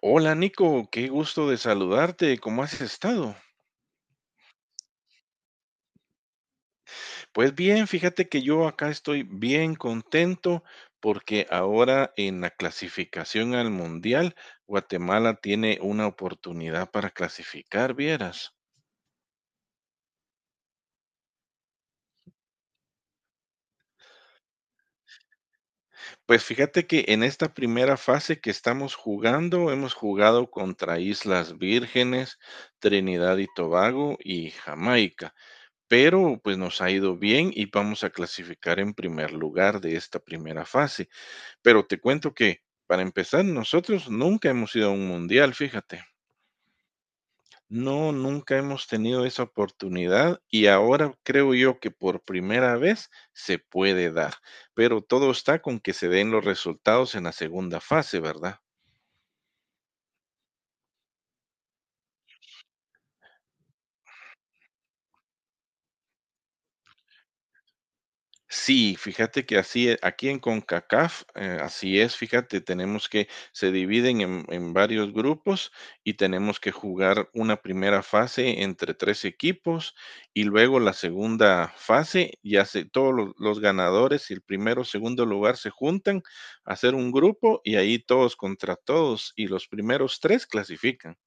Hola Nico, qué gusto de saludarte, ¿cómo has estado? Pues bien, fíjate que yo acá estoy bien contento porque ahora en la clasificación al mundial, Guatemala tiene una oportunidad para clasificar, vieras. Pues fíjate que en esta primera fase que estamos jugando, hemos jugado contra Islas Vírgenes, Trinidad y Tobago y Jamaica. Pero pues nos ha ido bien y vamos a clasificar en primer lugar de esta primera fase. Pero te cuento que, para empezar, nosotros nunca hemos ido a un mundial, fíjate. No, nunca hemos tenido esa oportunidad y ahora creo yo que por primera vez se puede dar, pero todo está con que se den los resultados en la segunda fase, ¿verdad? Sí, fíjate que así aquí en CONCACAF, así es, fíjate, tenemos que se dividen en varios grupos y tenemos que jugar una primera fase entre 3 equipos y luego la segunda fase, ya se todos los ganadores y el primero, segundo lugar se juntan a hacer un grupo y ahí todos contra todos, y los primeros 3 clasifican.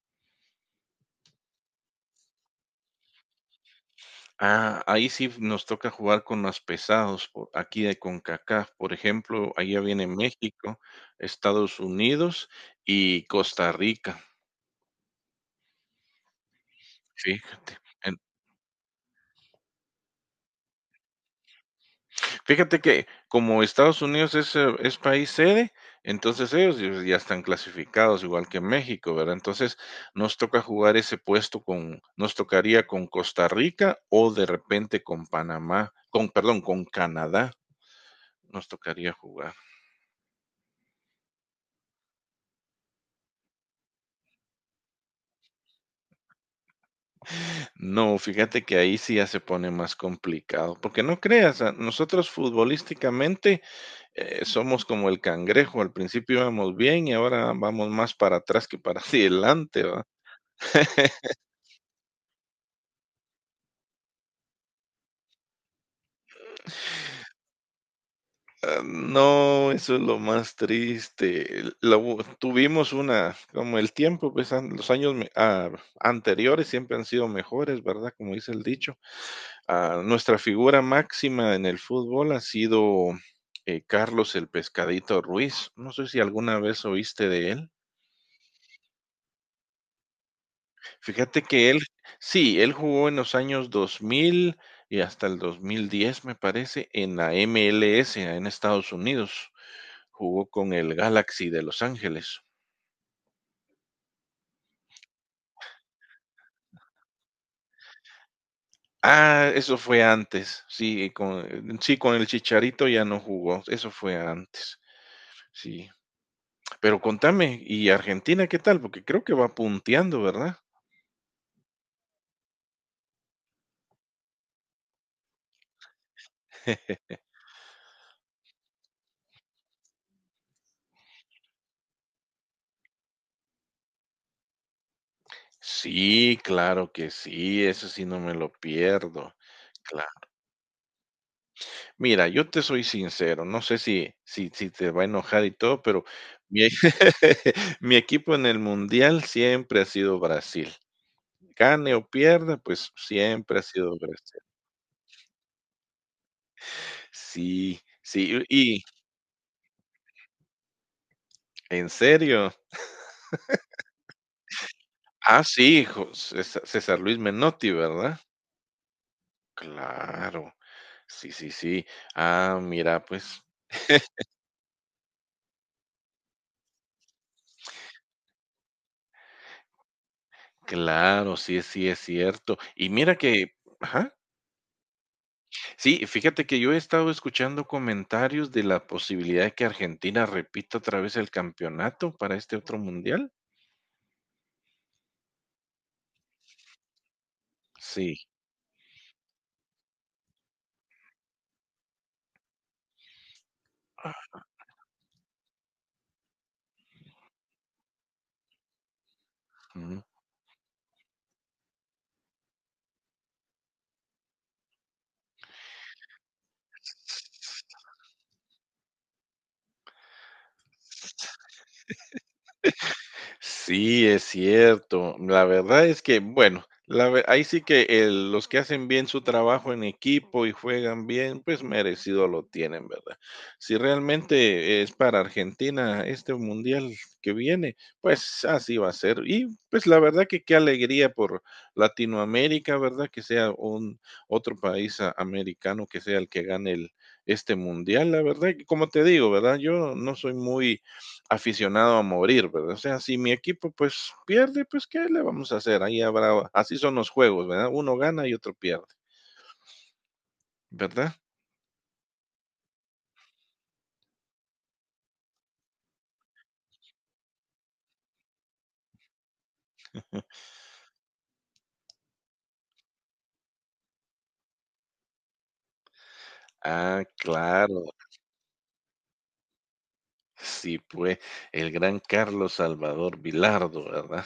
Ah, ahí sí nos toca jugar con más pesados, aquí de CONCACAF, por ejemplo, allá viene México, Estados Unidos y Costa Rica. Sí. en- Fíjate que como Estados Unidos es país sede, entonces ellos ya están clasificados igual que México, ¿verdad? Entonces nos toca jugar ese puesto con, nos tocaría con Costa Rica o de repente con Panamá, con, perdón, con Canadá nos tocaría jugar. No, fíjate que ahí sí ya se pone más complicado, porque no creas, nosotros futbolísticamente somos como el cangrejo, al principio íbamos bien y ahora vamos más para atrás que para adelante, ¿va? Ah, no, eso es lo más triste. Tuvimos una, como el tiempo, pues los años anteriores siempre han sido mejores, ¿verdad? Como dice el dicho. Ah, nuestra figura máxima en el fútbol ha sido Carlos el Pescadito Ruiz. No sé si alguna vez oíste de él. Fíjate que él, sí, él jugó en los años 2000 y hasta el 2010, me parece, en la MLS en Estados Unidos. Jugó con el Galaxy de Los Ángeles. Ah, eso fue antes. Sí, con el Chicharito ya no jugó. Eso fue antes. Sí. Pero contame, ¿y Argentina qué tal? Porque creo que va punteando, ¿verdad? Sí, claro que sí, eso sí no me lo pierdo. Claro. Mira, yo te soy sincero, no sé si te va a enojar y todo, pero mi mi equipo en el mundial siempre ha sido Brasil. Gane o pierda, pues siempre ha sido Brasil. Sí, sí, y ¿en serio? Ah, sí, jo César Luis Menotti, ¿verdad? Claro. Sí, sí, sí. Ah, mira, pues claro, sí, sí es cierto. Y mira que, ajá, sí, fíjate que yo he estado escuchando comentarios de la posibilidad de que Argentina repita otra vez el campeonato para este otro mundial. Sí. Ujú. Sí, es cierto. La verdad es que, bueno, ahí sí que los que hacen bien su trabajo en equipo y juegan bien, pues merecido lo tienen, ¿verdad? Si realmente es para Argentina este mundial que viene, pues así va a ser. Y pues la verdad que qué alegría por Latinoamérica, ¿verdad? Que sea un otro país americano que sea el que gane el, este mundial, la verdad. Que Como te digo, ¿verdad? Yo no soy muy aficionado a morir, ¿verdad? O sea, si mi equipo pues pierde, pues ¿qué le vamos a hacer? Ahí habrá, así son los juegos, ¿verdad? Uno gana y otro pierde, ¿verdad? Ah, claro. Sí, pues el gran Carlos Salvador Vilardo, ¿verdad?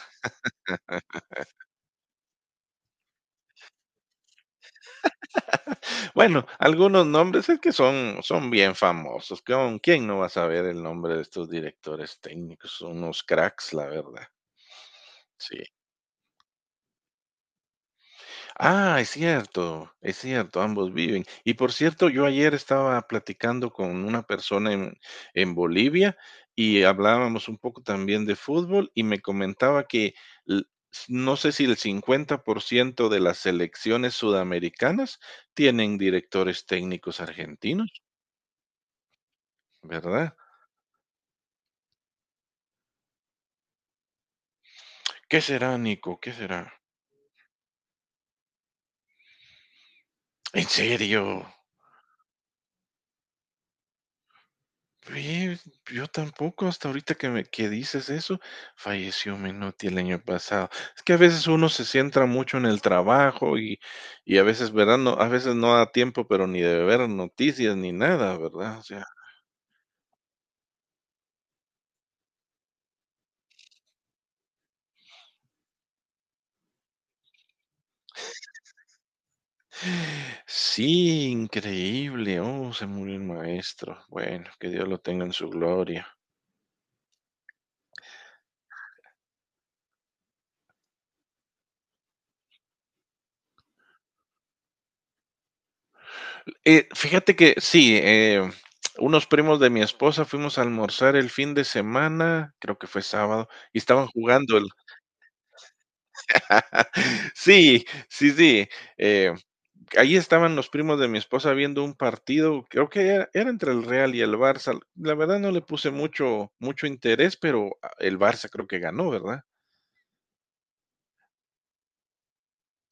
Bueno, algunos nombres es que son bien famosos. ¿Con quién no va a saber el nombre de estos directores técnicos? Son unos cracks, la verdad. Sí. Ah, es cierto, ambos viven. Y por cierto, yo ayer estaba platicando con una persona en Bolivia y hablábamos un poco también de fútbol y me comentaba que l- no sé si el 50% de las selecciones sudamericanas tienen directores técnicos argentinos, ¿verdad? ¿Qué será, Nico? ¿Qué será? ¿En serio? Oye, yo tampoco, hasta ahorita que me que dices eso, falleció Menotti el año pasado. Es que a veces uno se centra mucho en el trabajo y a veces, ¿verdad? No, a veces no da tiempo, pero ni de ver noticias ni nada, ¿verdad? O sea, sí, increíble. Oh, se murió el maestro. Bueno, que Dios lo tenga en su gloria. Fíjate que sí, unos primos de mi esposa fuimos a almorzar el fin de semana, creo que fue sábado, y estaban jugando sí, sí, sí. Eh, Ahí estaban los primos de mi esposa viendo un partido, creo que era entre el Real y el Barça. La verdad no le puse mucho, mucho interés, pero el Barça creo que ganó, ¿verdad?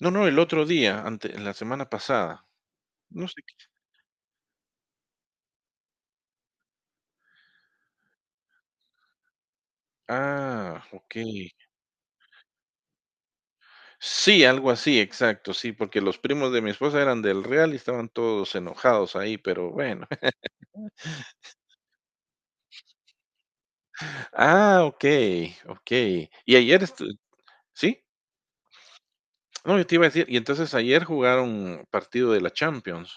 No, no, el otro día, ante, la semana pasada. No sé. Ah, ok. Sí, algo así, exacto, sí, porque los primos de mi esposa eran del Real y estaban todos enojados ahí, pero bueno. Ah, ok, ok. Y ayer estu- ¿Sí? No, yo te iba a decir, y entonces ayer jugaron partido de la Champions.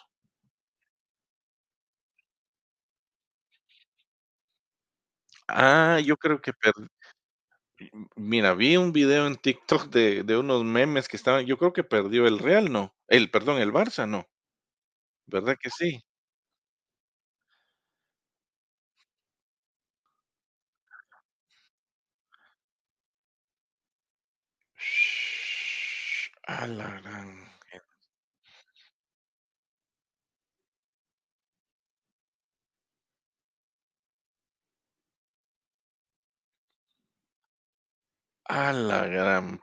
Ah, yo creo que per- Mira, vi un video en TikTok de unos memes que estaban. Yo creo que perdió el Real, ¿no? El, perdón, el Barça, ¿no? ¿Verdad que sí? Shhh, a la gran, a la gran.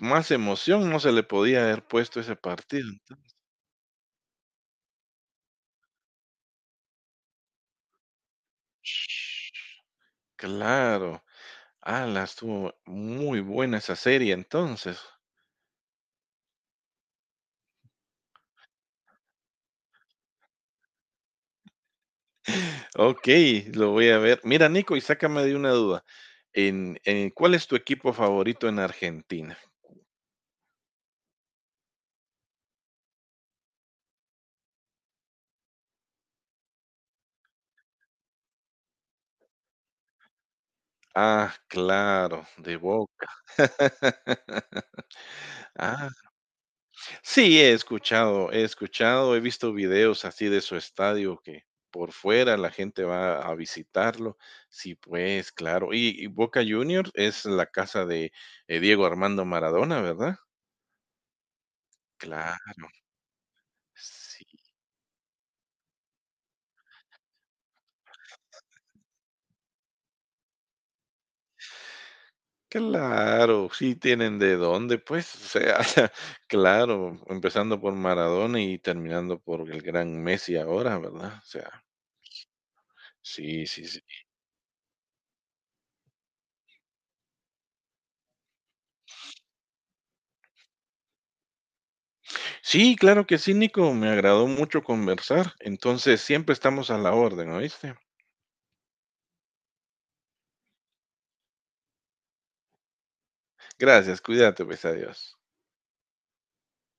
Más emoción no se le podía haber puesto ese partido. Shhh, claro. Ala, estuvo muy buena esa serie entonces. Ok, lo voy a ver. Mira, Nico, y sácame de una duda. ¿Cuál es tu equipo favorito en Argentina? Ah, claro, de Boca. Ah, sí, he escuchado, he visto videos así de su estadio que por fuera la gente va a visitarlo. Sí, pues, claro. Y Boca Juniors es la casa de Diego Armando Maradona, ¿verdad? Claro, sí. Claro, sí tienen de dónde, pues, o sea, claro, empezando por Maradona y terminando por el gran Messi ahora, ¿verdad? O sea, sí, sí, sí. Sí, claro que sí, Nico, me agradó mucho conversar. Entonces, siempre estamos a la orden, ¿oíste? Gracias, cuídate, pues, adiós.